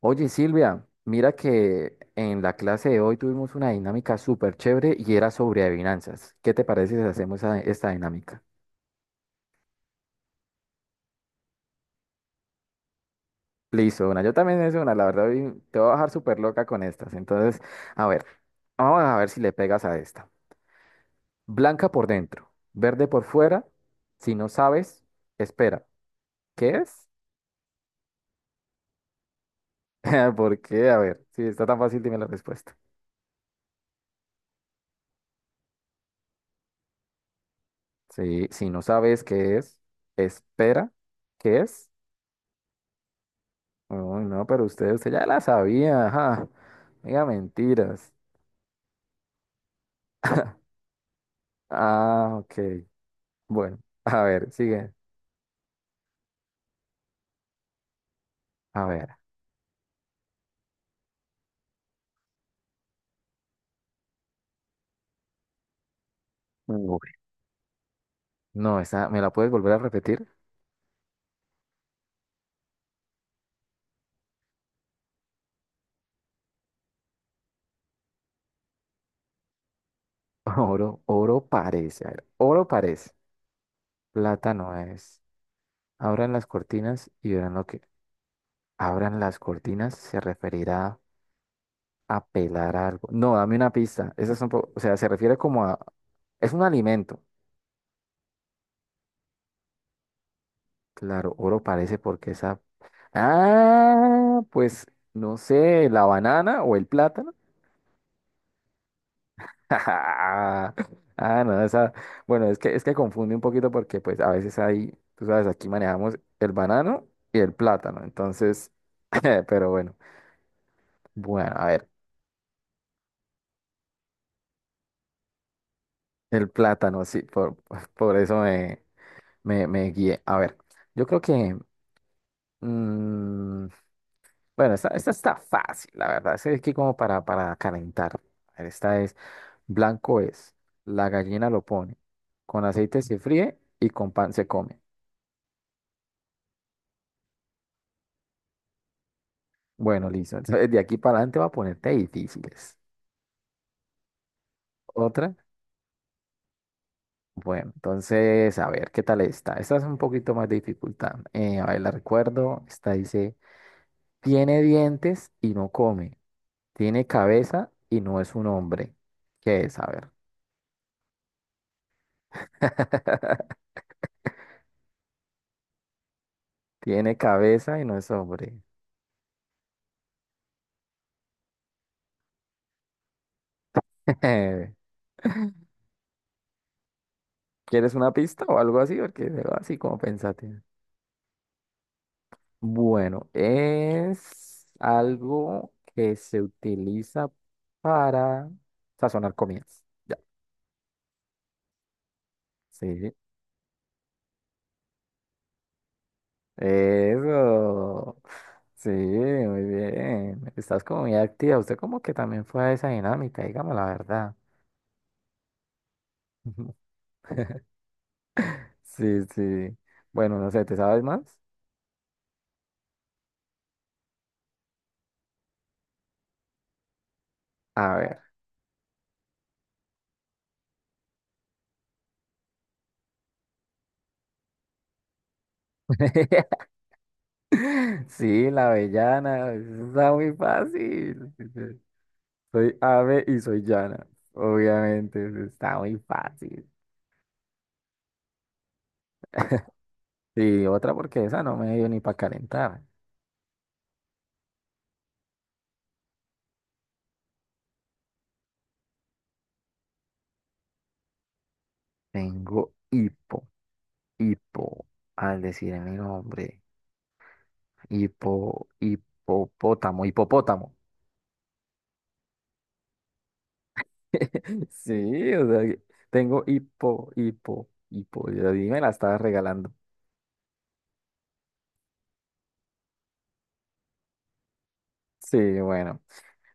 Oye, Silvia, mira que en la clase de hoy tuvimos una dinámica súper chévere y era sobre adivinanzas. ¿Qué te parece si hacemos esta dinámica? Listo, una. Yo también es una, la verdad, hoy te voy a dejar súper loca con estas. Entonces, a ver, vamos a ver si le pegas a esta. Blanca por dentro, verde por fuera. Si no sabes, espera. ¿Qué es? ¿Por qué? A ver, si está tan fácil, dime la respuesta. Sí, si no sabes qué es, espera. ¿Qué es? Uy, no, pero usted ya la sabía, ajá. No diga mentiras. Ah, ok. Bueno, a ver, sigue. A ver. Uy, no, esa, ¿me la puedes volver a repetir? Oro parece. A ver, oro parece. Plata no es. Abran las cortinas y verán lo que. Abran las cortinas se referirá a pelar algo. No, dame una pista. Esa es un poco, o sea, se refiere como a. Es un alimento. Claro, oro parece porque esa... Ah, pues no sé, la banana o el plátano. Ah, no, esa... Bueno, es que confunde un poquito porque pues a veces ahí, tú sabes, aquí manejamos el banano y el plátano. Entonces, pero bueno, bueno, a ver, el plátano, sí, por, por eso me guié. A ver, yo creo que... mm, bueno, esta está fácil, la verdad. Es que como para calentar. A ver, esta es, blanco es, la gallina lo pone, con aceite se fríe y con pan se come. Bueno, listo. Entonces, de aquí para adelante va a ponerte difíciles. Otra. Bueno, entonces, a ver, ¿qué tal esta? Esta es un poquito más de dificultad. A ver, la recuerdo. Esta dice, tiene dientes y no come, tiene cabeza y no es un hombre. ¿Qué es? A ver. Tiene cabeza y no es hombre. Eh, ¿Quieres una pista o algo así? Porque veo así como pensaste. Bueno, es algo que se utiliza para sazonar comidas. Ya, sí. Eso. Sí, muy bien. Estás como muy activa. Usted como que también fue a esa dinámica, dígame la verdad. Sí, sí. Bueno, no sé, ¿te sabes más? A ver. Sí, la avellana. Eso está muy fácil. Soy ave y soy llana. Obviamente, eso está muy fácil. Y otra porque esa no me dio ni para calentar. Tengo hipo, hipo, al decir mi nombre. Hipo, hipopótamo, hipopótamo. Sí, o sea, que tengo hipo, hipo, hipo. Ya dime la estaba regalando. Sí, bueno.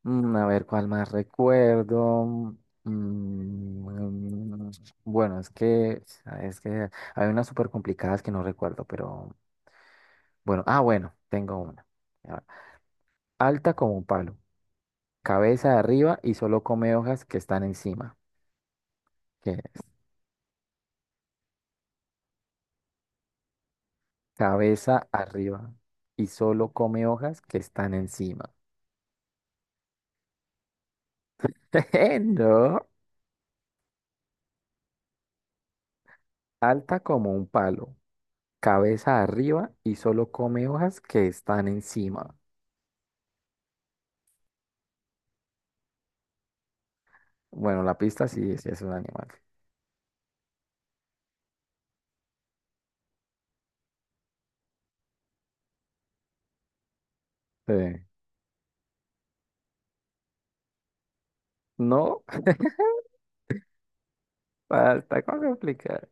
A ver, ¿cuál más recuerdo? Mm, bueno, es que hay unas súper complicadas que no recuerdo, pero bueno, ah, bueno, tengo una. A ver, alta como un palo, cabeza arriba y solo come hojas que están encima. ¿Qué es? Cabeza arriba y solo come hojas que están encima. No, alta como un palo, cabeza arriba y solo come hojas que están encima. Bueno, la pista sí, sí es un animal. Sí. No, falta complicar.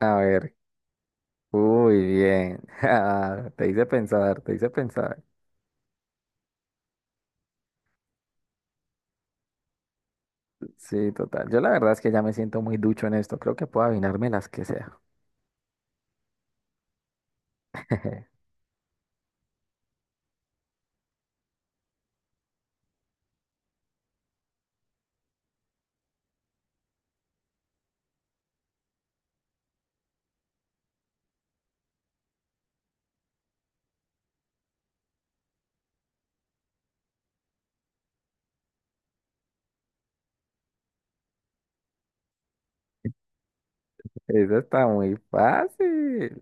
A ver, uy, bien. Ah, te hice pensar, te hice pensar. Sí, total. Yo la verdad es que ya me siento muy ducho en esto. Creo que puedo adivinarme las que sea. Eso está muy fácil.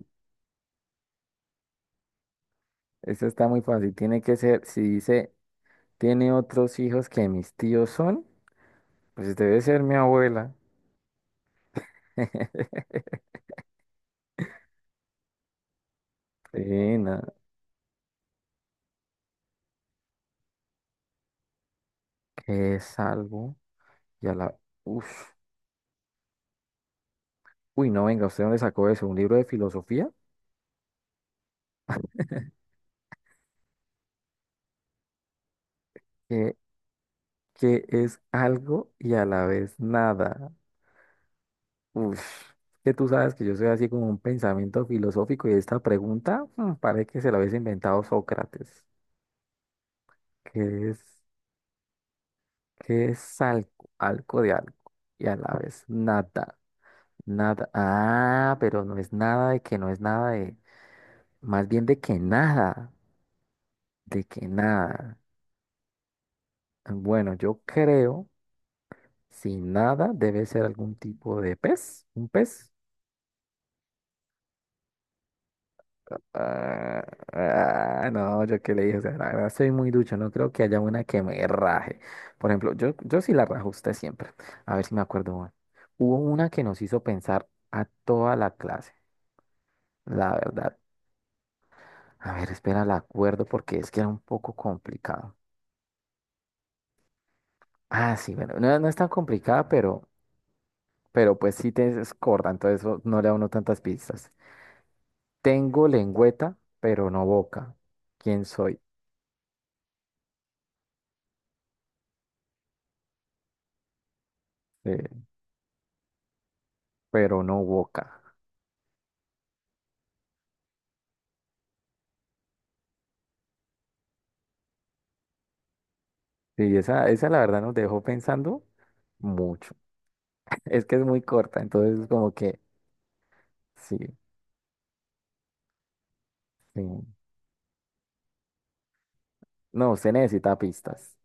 Eso está muy fácil. Tiene que ser, si dice, tiene otros hijos que mis tíos son, pues debe ser mi abuela. Sí, no, que es algo y a la... Uf. Uy, no, venga, ¿usted dónde sacó eso? ¿Un libro de filosofía? Que, que es algo y a la vez nada. Uf, que tú sabes que yo soy así como un pensamiento filosófico y esta pregunta parece que se la hubiese inventado Sócrates. ¿Qué es, ¿qué es algo? Algo de algo y a la vez nada. Nada. Ah, pero no es nada de que no es nada de. Más bien de que nada. De que nada. Bueno, yo creo. Si nada, debe ser algún tipo de pez, un pez. Ah, ah, no, yo qué le dije, o sea, la verdad soy muy ducho, no creo que haya una que me raje. Por ejemplo, yo sí la rajo a usted siempre. A ver si me acuerdo una. Hubo una que nos hizo pensar a toda la clase, la verdad. A ver, espera, la acuerdo porque es que era un poco complicado. Ah, sí, bueno, no, no es tan complicada, pero pues sí te es corta, entonces eso no le da a uno tantas pistas. Tengo lengüeta, pero no boca. ¿Quién soy? Eh, pero no boca. Y esa la verdad nos dejó pensando mucho. Es que es muy corta, entonces como que sí, sí. No, usted necesita pistas.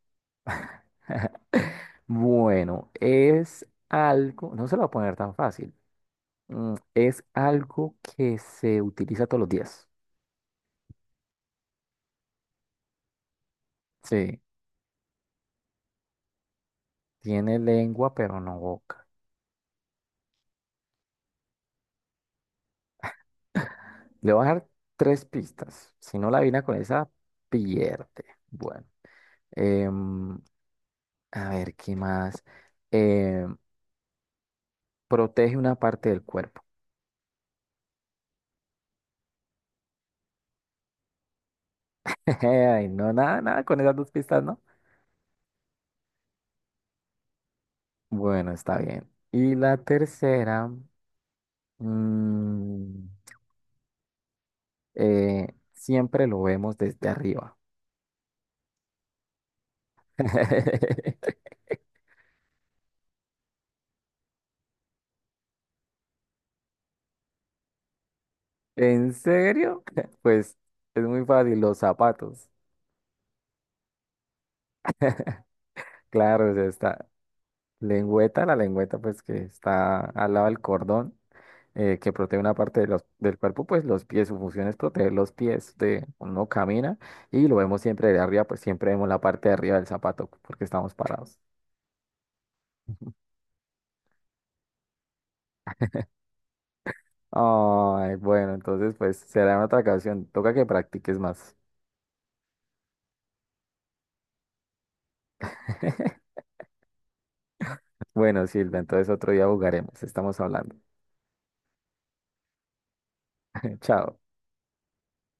Bueno, es algo, no se lo voy a poner tan fácil. Es algo que se utiliza todos los días. Sí, tiene lengua, pero no boca. Le voy a dar tres pistas. Si no la vina con esa, pierde. Bueno. Em, a ver, ¿qué más? Em, protege una parte del cuerpo. Ay, no, nada, nada con esas dos pistas, ¿no? Bueno, está bien. Y la tercera, mm, siempre lo vemos desde arriba. ¿En serio? Pues es muy fácil, los zapatos. Claro, o sea, está lengüeta, la lengüeta pues que está al lado del cordón. Que protege una parte de del cuerpo, pues los pies, su función es proteger los pies de uno camina y lo vemos siempre de arriba, pues siempre vemos la parte de arriba del zapato porque estamos parados. Ay, bueno, entonces pues será en otra ocasión, toca que practiques más. Bueno, Silvia, entonces otro día jugaremos, estamos hablando. Chao.